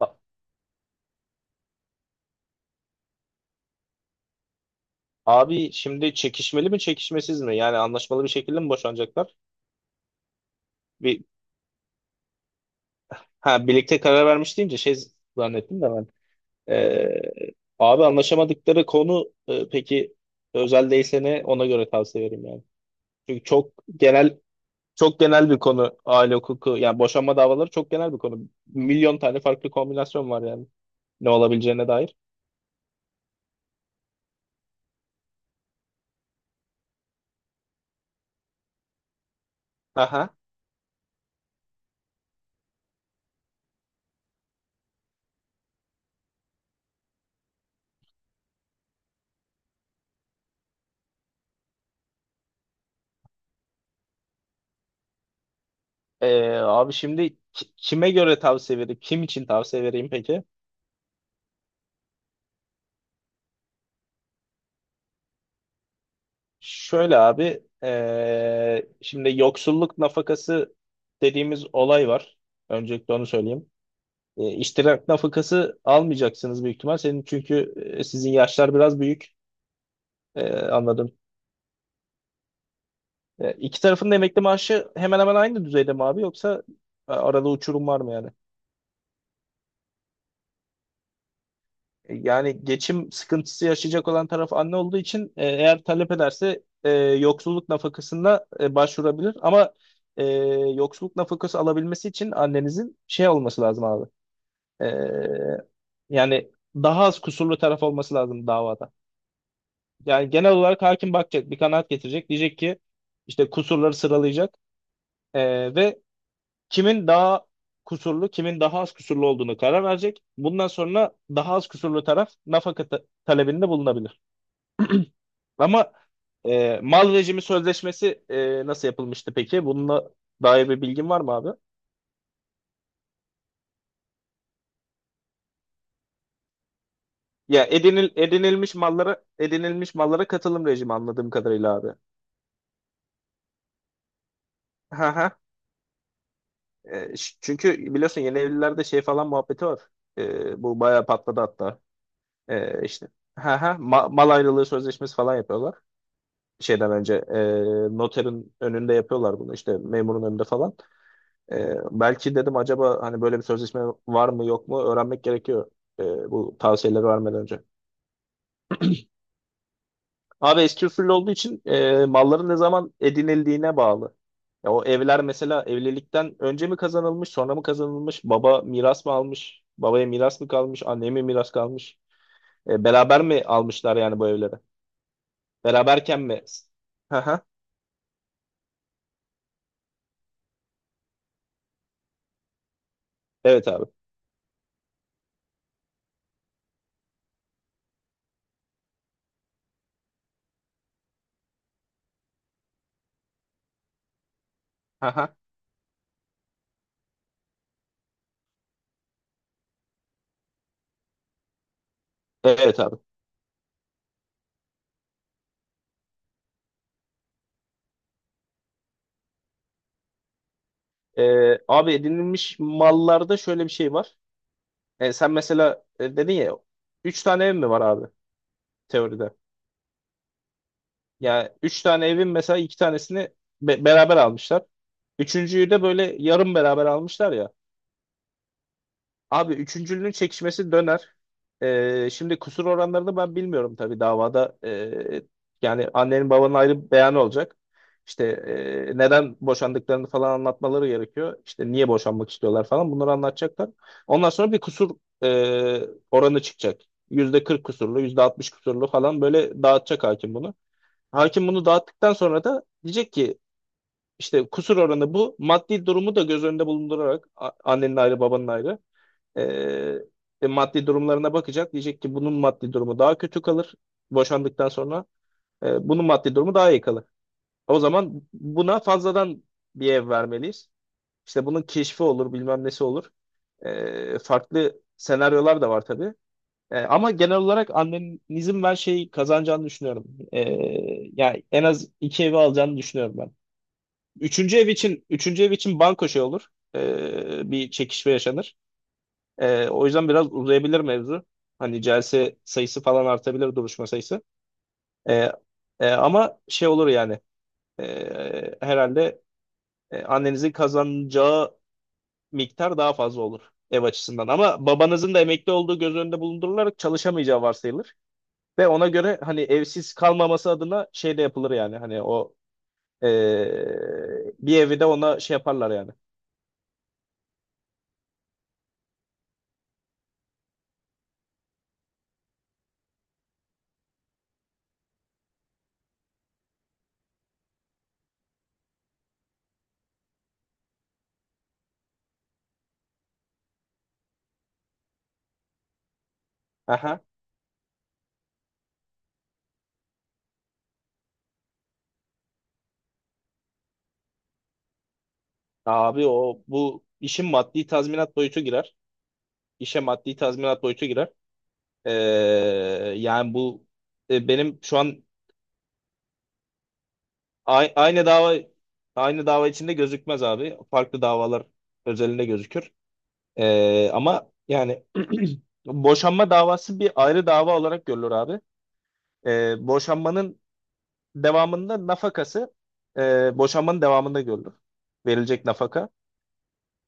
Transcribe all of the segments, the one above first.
A- Abi şimdi çekişmeli mi çekişmesiz mi? Yani anlaşmalı bir şekilde mi boşanacaklar? Bir, ha birlikte karar vermiş deyince şey zannettim de ben. Abi anlaşamadıkları konu peki özel değilse ne ona göre tavsiye veririm yani. Çünkü çok genel bir konu aile hukuku yani boşanma davaları çok genel bir konu. Milyon tane farklı kombinasyon var yani ne olabileceğine dair. Aha. Abi şimdi kime göre tavsiye vereyim? Kim için tavsiye vereyim peki? Şöyle abi, şimdi yoksulluk nafakası dediğimiz olay var. Öncelikle onu söyleyeyim. İştirak nafakası almayacaksınız büyük ihtimal. Senin çünkü sizin yaşlar biraz büyük. Anladım. İki tarafın da emekli maaşı hemen hemen aynı düzeyde mi abi, yoksa arada uçurum var mı yani? Yani geçim sıkıntısı yaşayacak olan taraf anne olduğu için eğer talep ederse yoksulluk nafakasına başvurabilir. Ama e, yoksulluk nafakası alabilmesi için annenizin şey olması lazım abi. E, Yani daha az kusurlu taraf olması lazım davada. Yani genel olarak hakim bakacak, bir kanaat getirecek. Diyecek ki işte kusurları sıralayacak, ve kimin daha kusurlu, kimin daha az kusurlu olduğunu karar verecek. Bundan sonra daha az kusurlu taraf nafaka talebinde bulunabilir. Ama mal rejimi sözleşmesi nasıl yapılmıştı peki? Bununla dair bir bilgin var mı abi? Ya edinilmiş mallara katılım rejimi anladığım kadarıyla abi. Ha ha. Çünkü biliyorsun yeni evlilerde şey falan muhabbeti var. Bu bayağı patladı hatta. İşte. Ha ha. Mal ayrılığı sözleşmesi falan yapıyorlar. Şeyden önce noterin önünde yapıyorlar bunu, işte memurun önünde falan. Belki dedim acaba hani böyle bir sözleşme var mı yok mu öğrenmek gerekiyor ee, bu tavsiyeleri vermeden önce. Abi eski usul olduğu için malların ne zaman edinildiğine bağlı. Ya o evler mesela evlilikten önce mi kazanılmış, sonra mı kazanılmış, baba miras mı almış, babaya miras mı kalmış, anneye mi miras kalmış, beraber mi almışlar yani bu evleri? Beraberken mi? Haha, evet abi. Haha, evet abi. E, Abi edinilmiş mallarda şöyle bir şey var. Sen mesela dedin ya, üç tane ev mi var abi teoride? Yani üç tane evin mesela iki tanesini beraber almışlar. Üçüncüyü de böyle yarım beraber almışlar ya. Abi üçüncülünün çekişmesi döner. Şimdi kusur oranlarını ben bilmiyorum tabii davada. Yani annenin babanın ayrı bir beyanı olacak. İşte neden boşandıklarını falan anlatmaları gerekiyor. İşte niye boşanmak istiyorlar falan, bunları anlatacaklar. Ondan sonra bir kusur ee, oranı çıkacak. %40 kusurlu, %60 kusurlu falan böyle dağıtacak hakim bunu. Hakim bunu dağıttıktan sonra da diyecek ki işte kusur oranı bu. Maddi durumu da göz önünde bulundurarak, annenin ayrı babanın ayrı maddi durumlarına bakacak. Diyecek ki bunun maddi durumu daha kötü kalır boşandıktan sonra. Bunun maddi durumu daha iyi kalır. O zaman buna fazladan bir ev vermeliyiz. İşte bunun keşfi olur, bilmem nesi olur. Farklı senaryolar da var tabii. Ama genel olarak annenizin ben şey kazanacağını düşünüyorum. E, Yani en az iki evi alacağını düşünüyorum ben. Üçüncü ev için banko şey olur. Bir çekişme yaşanır. O yüzden biraz uzayabilir mevzu. Hani celse sayısı falan artabilir, duruşma sayısı. Ee, Ama şey olur yani, herhalde annenizin kazanacağı miktar daha fazla olur ev açısından. Ama babanızın da emekli olduğu göz önünde bulundurularak çalışamayacağı varsayılır. Ve ona göre hani evsiz kalmaması adına şey de yapılır yani, hani o bir evi de ona şey yaparlar yani. Aha. Abi o bu işin maddi tazminat boyutu girer. İşe maddi tazminat boyutu girer. Ee, Yani bu benim şu an a- aynı dava aynı dava içinde gözükmez abi. Farklı davalar özelinde gözükür. Ama yani boşanma davası bir ayrı dava olarak görülür abi. Boşanmanın devamında nafakası, boşanmanın devamında görülür. Verilecek nafaka.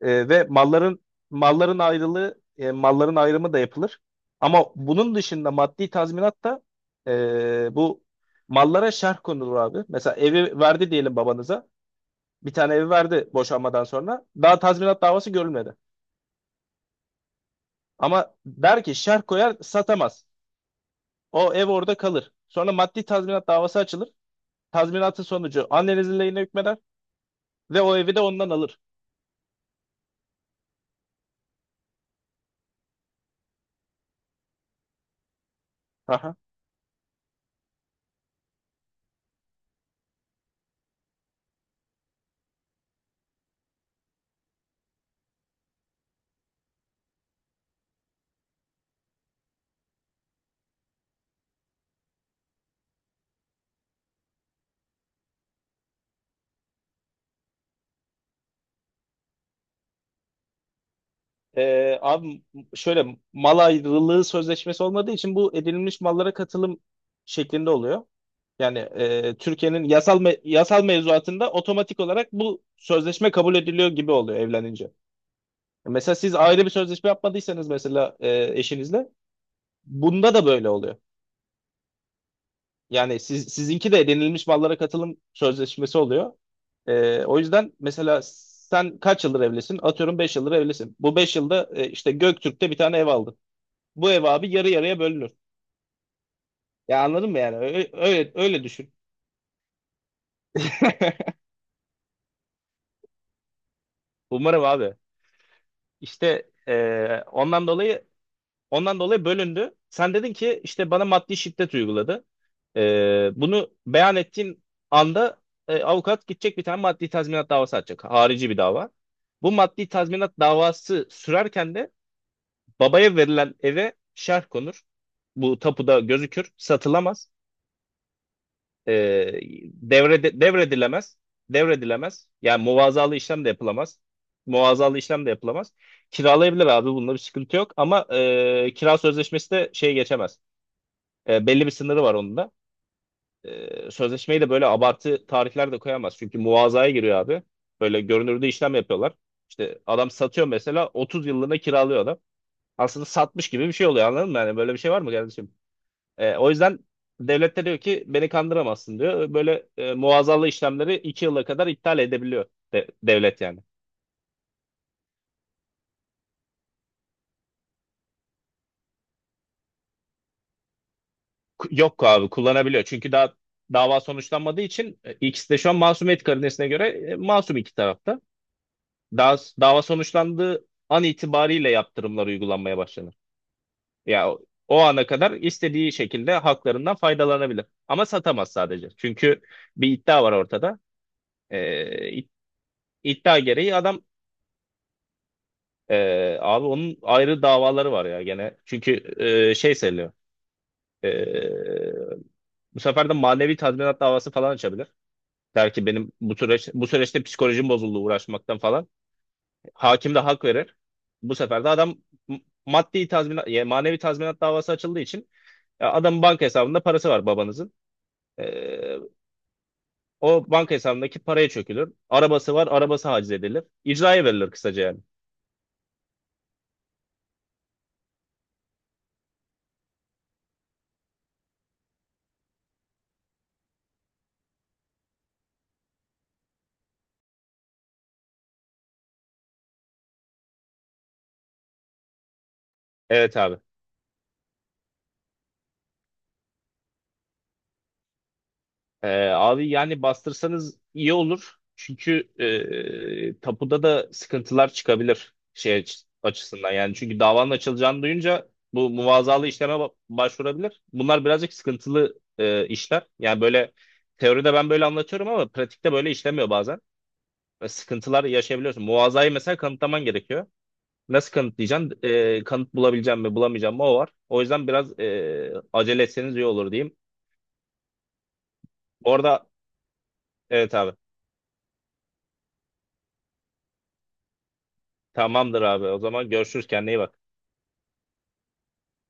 Ve malların ayrılığı, malların ayrımı da yapılır. Ama bunun dışında maddi tazminat da bu mallara şerh konulur abi. Mesela evi verdi diyelim babanıza. Bir tane evi verdi boşanmadan sonra. Daha tazminat davası görülmedi. Ama der ki, şerh koyar, satamaz. O ev orada kalır. Sonra maddi tazminat davası açılır. Tazminatın sonucu annenizin lehine hükmeder ve o evi de ondan alır. Aha. Abi şöyle, mal ayrılığı sözleşmesi olmadığı için bu edinilmiş mallara katılım şeklinde oluyor. Yani Türkiye'nin yasal yasal mevzuatında otomatik olarak bu sözleşme kabul ediliyor gibi oluyor evlenince. Mesela siz ayrı bir sözleşme yapmadıysanız mesela eşinizle, bunda da böyle oluyor. Yani siz, sizinki de edinilmiş mallara katılım sözleşmesi oluyor. O yüzden mesela sen kaç yıldır evlisin? Atıyorum 5 yıldır evlisin. Bu 5 yılda işte Göktürk'te bir tane ev aldın. Bu ev abi yarı yarıya bölünür. Ya anladın mı yani? Öyle öyle, öyle düşün. Umarım abi. İşte ondan dolayı bölündü. Sen dedin ki işte bana maddi şiddet uyguladı. Bunu beyan ettiğin anda avukat gidecek, bir tane maddi tazminat davası açacak. Harici bir dava. Bu maddi tazminat davası sürerken de babaya verilen eve şerh konur. Bu tapuda gözükür. Satılamaz. E, Devredilemez. Devredilemez. Yani muvazalı işlem de yapılamaz. Muvazalı işlem de yapılamaz. Kiralayabilir abi. Bunda bir sıkıntı yok. Ama kira sözleşmesi de şey geçemez. Belli bir sınırı var onun da. Sözleşmeyi de böyle abartı tarihler de koyamaz. Çünkü muvazaya giriyor abi. Böyle görünürde işlem yapıyorlar. İşte adam satıyor mesela, 30 yıllığına kiralıyor adam. Aslında satmış gibi bir şey oluyor, anladın mı? Yani böyle bir şey var mı kardeşim? O yüzden devlet de diyor ki beni kandıramazsın diyor. Böyle muazzalı işlemleri 2 yıla kadar iptal edebiliyor devlet yani. Yok abi, kullanabiliyor. Çünkü daha dava sonuçlanmadığı için ikisi de şu an masumiyet karinesine göre masum iki tarafta. Dava sonuçlandığı an itibariyle yaptırımlar uygulanmaya başlanır. Ya o ana kadar istediği şekilde haklarından faydalanabilir. Ama satamaz sadece. Çünkü bir iddia var ortada. E, id- iddia gereği adam, abi onun ayrı davaları var ya gene. Çünkü şey sayılıyor. Ee, Bu sefer de manevi tazminat davası falan açabilir. Der ki benim bu süreçte psikolojim bozuldu uğraşmaktan falan. Hakim de hak verir. Bu sefer de adam maddi tazminat, yani manevi tazminat davası açıldığı için, ya adamın banka hesabında parası var babanızın. Ee, O banka hesabındaki paraya çökülür. Arabası var, arabası haciz edilir. İcraya verilir kısaca yani. Evet abi. Abi yani bastırsanız iyi olur. Çünkü tapuda da sıkıntılar çıkabilir şey açısından. Yani çünkü davanın açılacağını duyunca bu muvazalı işleme başvurabilir. Bunlar birazcık sıkıntılı işler. Yani böyle teoride ben böyle anlatıyorum ama pratikte böyle işlemiyor bazen. Ve sıkıntılar yaşayabiliyorsun. Muvazayı mesela kanıtlaman gerekiyor. Nasıl kanıtlayacaksın? Kanıt bulabileceğim mi, bulamayacağım mı o var. O yüzden biraz acele etseniz iyi olur diyeyim. Orada evet abi. Tamamdır abi. O zaman görüşürüz. Kendine iyi bak.